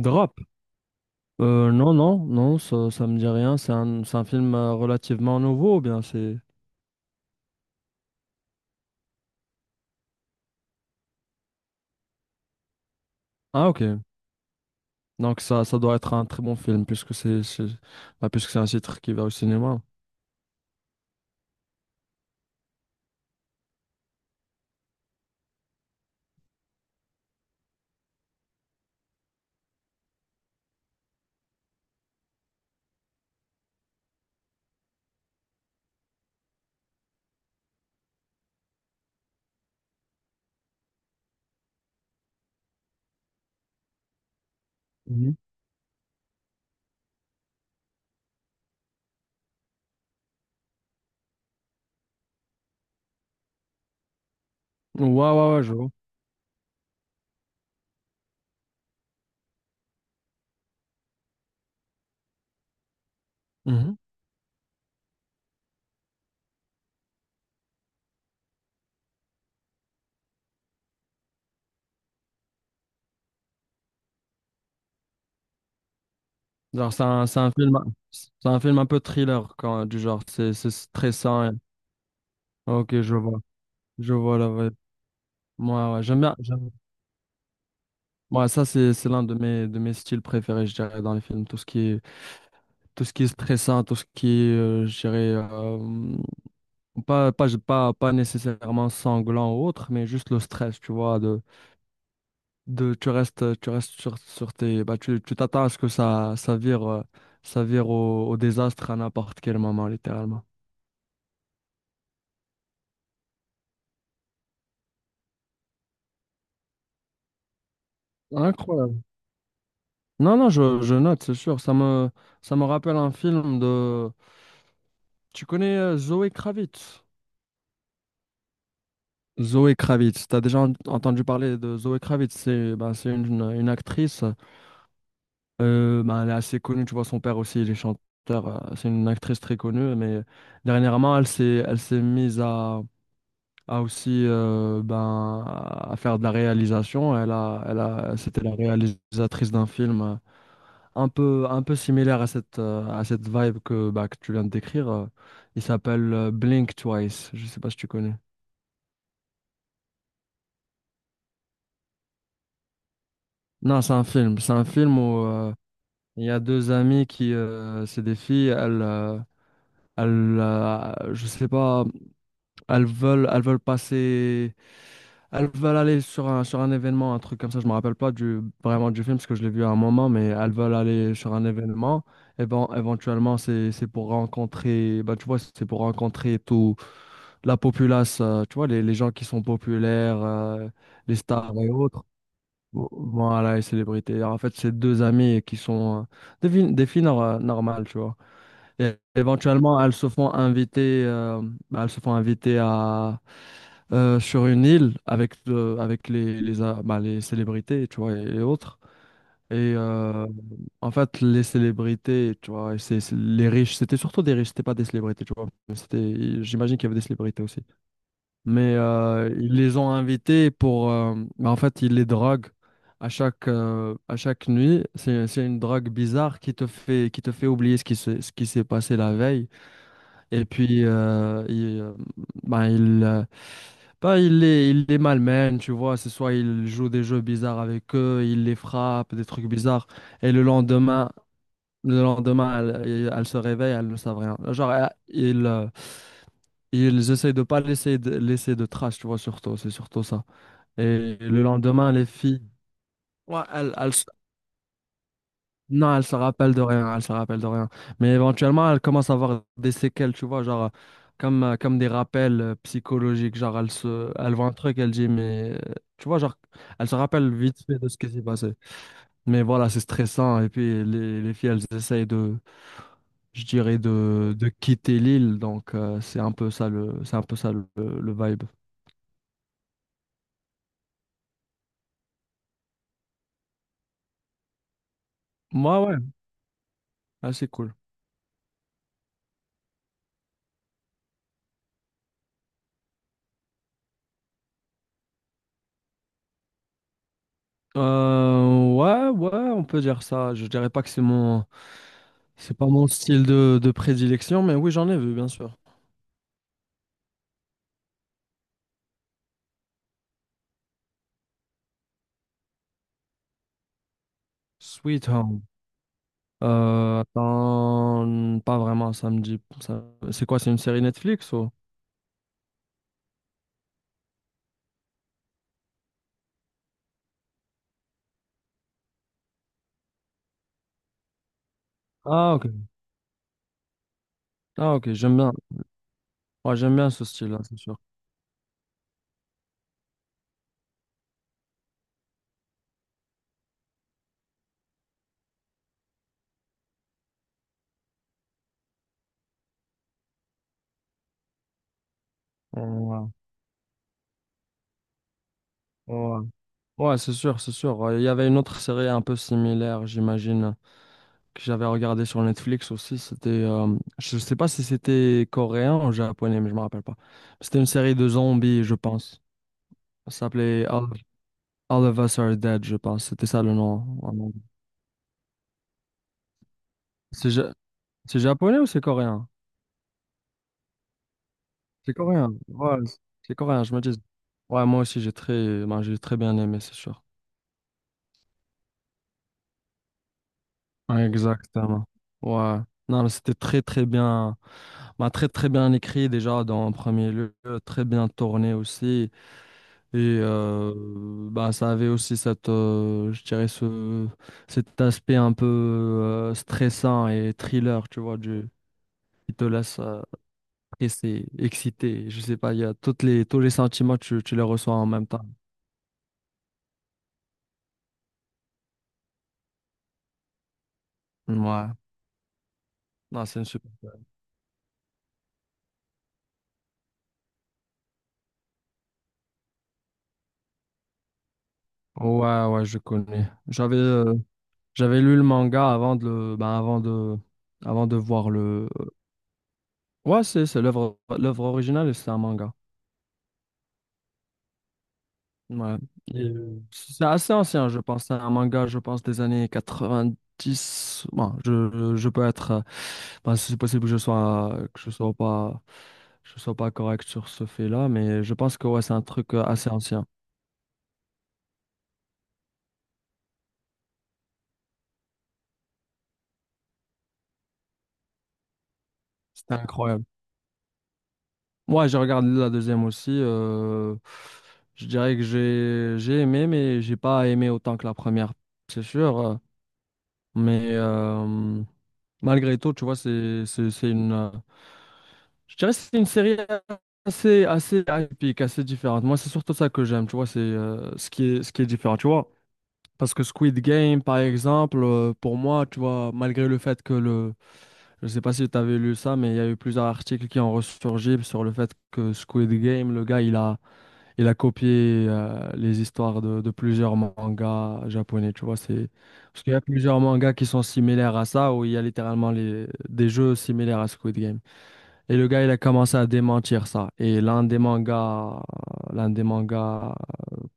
Drop. Non, non, non, ça me dit rien. C'est un film relativement nouveau, ou bien c'est. Ah, ok. Donc ça doit être un très bon film, puisque bah, puisque c'est un titre qui va au cinéma. Mhm. Ouais, ouais, ouais, je vois. Mhm. Genre, c'est un film un peu thriller, quand, du genre, c'est stressant. Ok, je vois. Je vois la vibe. Moi, ouais, ouais, j'aime bien. Moi, ça, c'est l'un de mes styles préférés, je dirais, dans les films. Tout ce qui est stressant, tout ce qui est, je dirais, pas nécessairement sanglant ou autre, mais juste le stress, tu vois, de tu restes sur, bah, tu t'attends à ce que ça vire, au désastre à n'importe quel moment, littéralement. Incroyable. Non, non, je note, c'est sûr. Ça me rappelle un film de. Tu connais Zoé Kravitz? Zoé Kravitz. T'as déjà entendu parler de Zoé Kravitz. Bah, c'est une actrice. Ben, elle est assez connue, tu vois, son père aussi, il est chanteur, c'est une actrice très connue, mais dernièrement, elle s'est mise à aussi ben, à faire de la réalisation. C'était la réalisatrice d'un film un peu similaire à cette vibe bah, que tu viens de décrire. Il s'appelle Blink Twice, je sais pas si tu connais. Non, c'est un film où il y a deux amies c'est des filles, elles, je sais pas. Elles veulent, elles veulent passer, elles veulent aller sur un événement, un truc comme ça. Je me rappelle pas vraiment du film parce que je l'ai vu à un moment, mais elles veulent aller sur un événement. Et ben, éventuellement, bah tu vois, c'est pour rencontrer tout la populace, tu vois, les gens qui sont populaires, les stars et autres. Voilà, les célébrités. En fait, c'est deux amis qui sont des filles normales, tu vois. Et éventuellement, elles se font inviter, elles se font inviter sur une île avec bah, les célébrités, tu vois, et autres. Et en fait, les célébrités, tu vois, et les riches, c'était surtout des riches, c'était pas des célébrités, tu vois. Mais c'était, j'imagine qu'il y avait des célébrités aussi. Mais ils les ont invités bah, en fait, ils les droguent à chaque nuit. C'est une drogue bizarre qui te fait oublier ce qui s'est passé la veille. Et puis, bah, il, euh, il les malmène, tu vois. C'est soit il joue des jeux bizarres avec eux, il les frappe, des trucs bizarres. Et le lendemain, elle se réveille, elle ne savent rien. Genre, ils essayent de pas laisser de traces, tu vois, surtout. C'est surtout ça. Et le lendemain, les filles, ouais, non, elle se rappelle de rien, elle se rappelle de rien. Mais éventuellement, elle commence à avoir des séquelles, tu vois, genre comme des rappels psychologiques. Genre, elle voit un truc, elle dit, mais tu vois, genre, elle se rappelle vite fait de ce qui s'est passé. Mais voilà, c'est stressant. Et puis, les filles, elles essayent je dirais, de quitter l'île. Donc, c'est un peu ça le vibe. Moi, ouais, ouais, ah, c'est cool. Ouais, ouais, on peut dire ça. Je dirais pas que c'est mon. C'est pas mon style de prédilection, mais oui, j'en ai vu, bien sûr. Sweet Home. Attends, pas vraiment, ça me dit. C'est quoi, c'est une série Netflix ou? Ah, ok. Ah, ok, j'aime bien. Ouais, j'aime bien ce style-là, c'est sûr. Ouais, ouais. Ouais, c'est sûr, c'est sûr. Il y avait une autre série un peu similaire, j'imagine, que j'avais regardé sur Netflix aussi, je sais pas si c'était coréen ou japonais, mais je me rappelle pas. C'était une série de zombies, je pense. Ça s'appelait All of Us Are Dead, je pense. C'était ça le nom, en anglais. C'est ja- c'est japonais ou c'est coréen? C'est coréen. Ouais, c'est coréen, je me dis. Ouais, moi aussi, ben, j'ai très bien aimé, c'est sûr. Ouais, exactement. Ouais. Non, mais c'était très, très bien, ben, très, très bien écrit déjà dans un premier lieu, très bien tourné aussi. Et bah, ça avait aussi je dirais cet aspect un peu stressant et thriller, tu vois, qui te laisse stressé, excité. Je sais pas, il y a tous les sentiments, tu les reçois en même temps. Ouais, non, c'est une super. Ouais, ouais, je connais. J'avais lu le manga bah, avant de voir le. Ouais, c'est l'œuvre originale, et c'est un manga. Ouais. Et c'est assez ancien, je pense. C'est un manga, je pense, des années 90. Bon, je peux être. Ben, c'est possible que je sois pas correct sur ce fait-là, mais je pense que ouais, c'est un truc assez ancien. C'était incroyable. Moi, j'ai regardé la deuxième aussi. Je dirais que j'ai aimé, mais j'ai pas aimé autant que la première, c'est sûr. Mais malgré tout, tu vois, c'est une. Je dirais que c'est une série assez, assez atypique, assez différente. Moi, c'est surtout ça que j'aime, tu vois, c'est ce qui est différent, tu vois. Parce que Squid Game, par exemple, pour moi, tu vois, malgré le fait que le. Je sais pas si tu avais lu ça, mais il y a eu plusieurs articles qui ont ressurgi sur le fait que Squid Game, le gars, il a copié les histoires de plusieurs mangas japonais, tu vois. C'est. Parce qu'il y a plusieurs mangas qui sont similaires à ça, où il y a littéralement des jeux similaires à Squid Game. Et le gars, il a commencé à démentir ça. Et l'un des mangas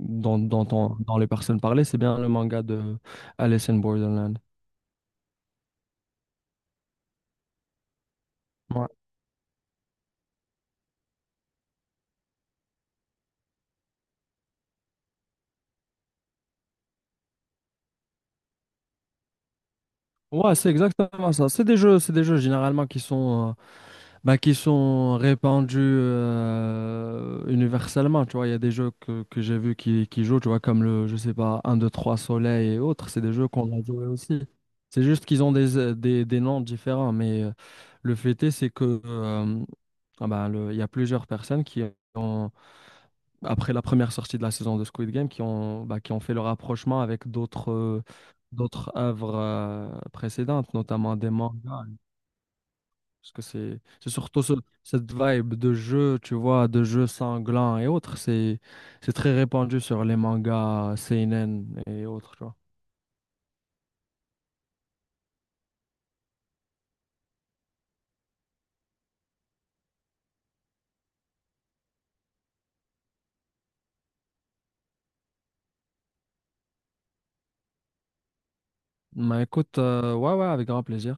dont les personnes parlaient, c'est bien le manga de Alice in Borderland. Ouais, ouais, c'est exactement ça. C'est des jeux généralement qui sont bah, qui sont répandus universellement, tu vois. Il y a des jeux que j'ai vus qui jouent, tu vois, comme je sais pas, un deux, 3 Soleil et autres. C'est des jeux qu'on a joués aussi. C'est juste qu'ils ont des noms différents. Mais le fait est, c'est que ah bah, il y a plusieurs personnes ont, après la première sortie de la saison de Squid Game, bah, qui ont fait le rapprochement avec d'autres œuvres précédentes, notamment des mangas. Parce que c'est surtout cette vibe de jeu, tu vois, de jeu sanglant et autres. C'est très répandu sur les mangas seinen et autres, tu vois. Mais écoute, ouais, ouais, avec grand plaisir.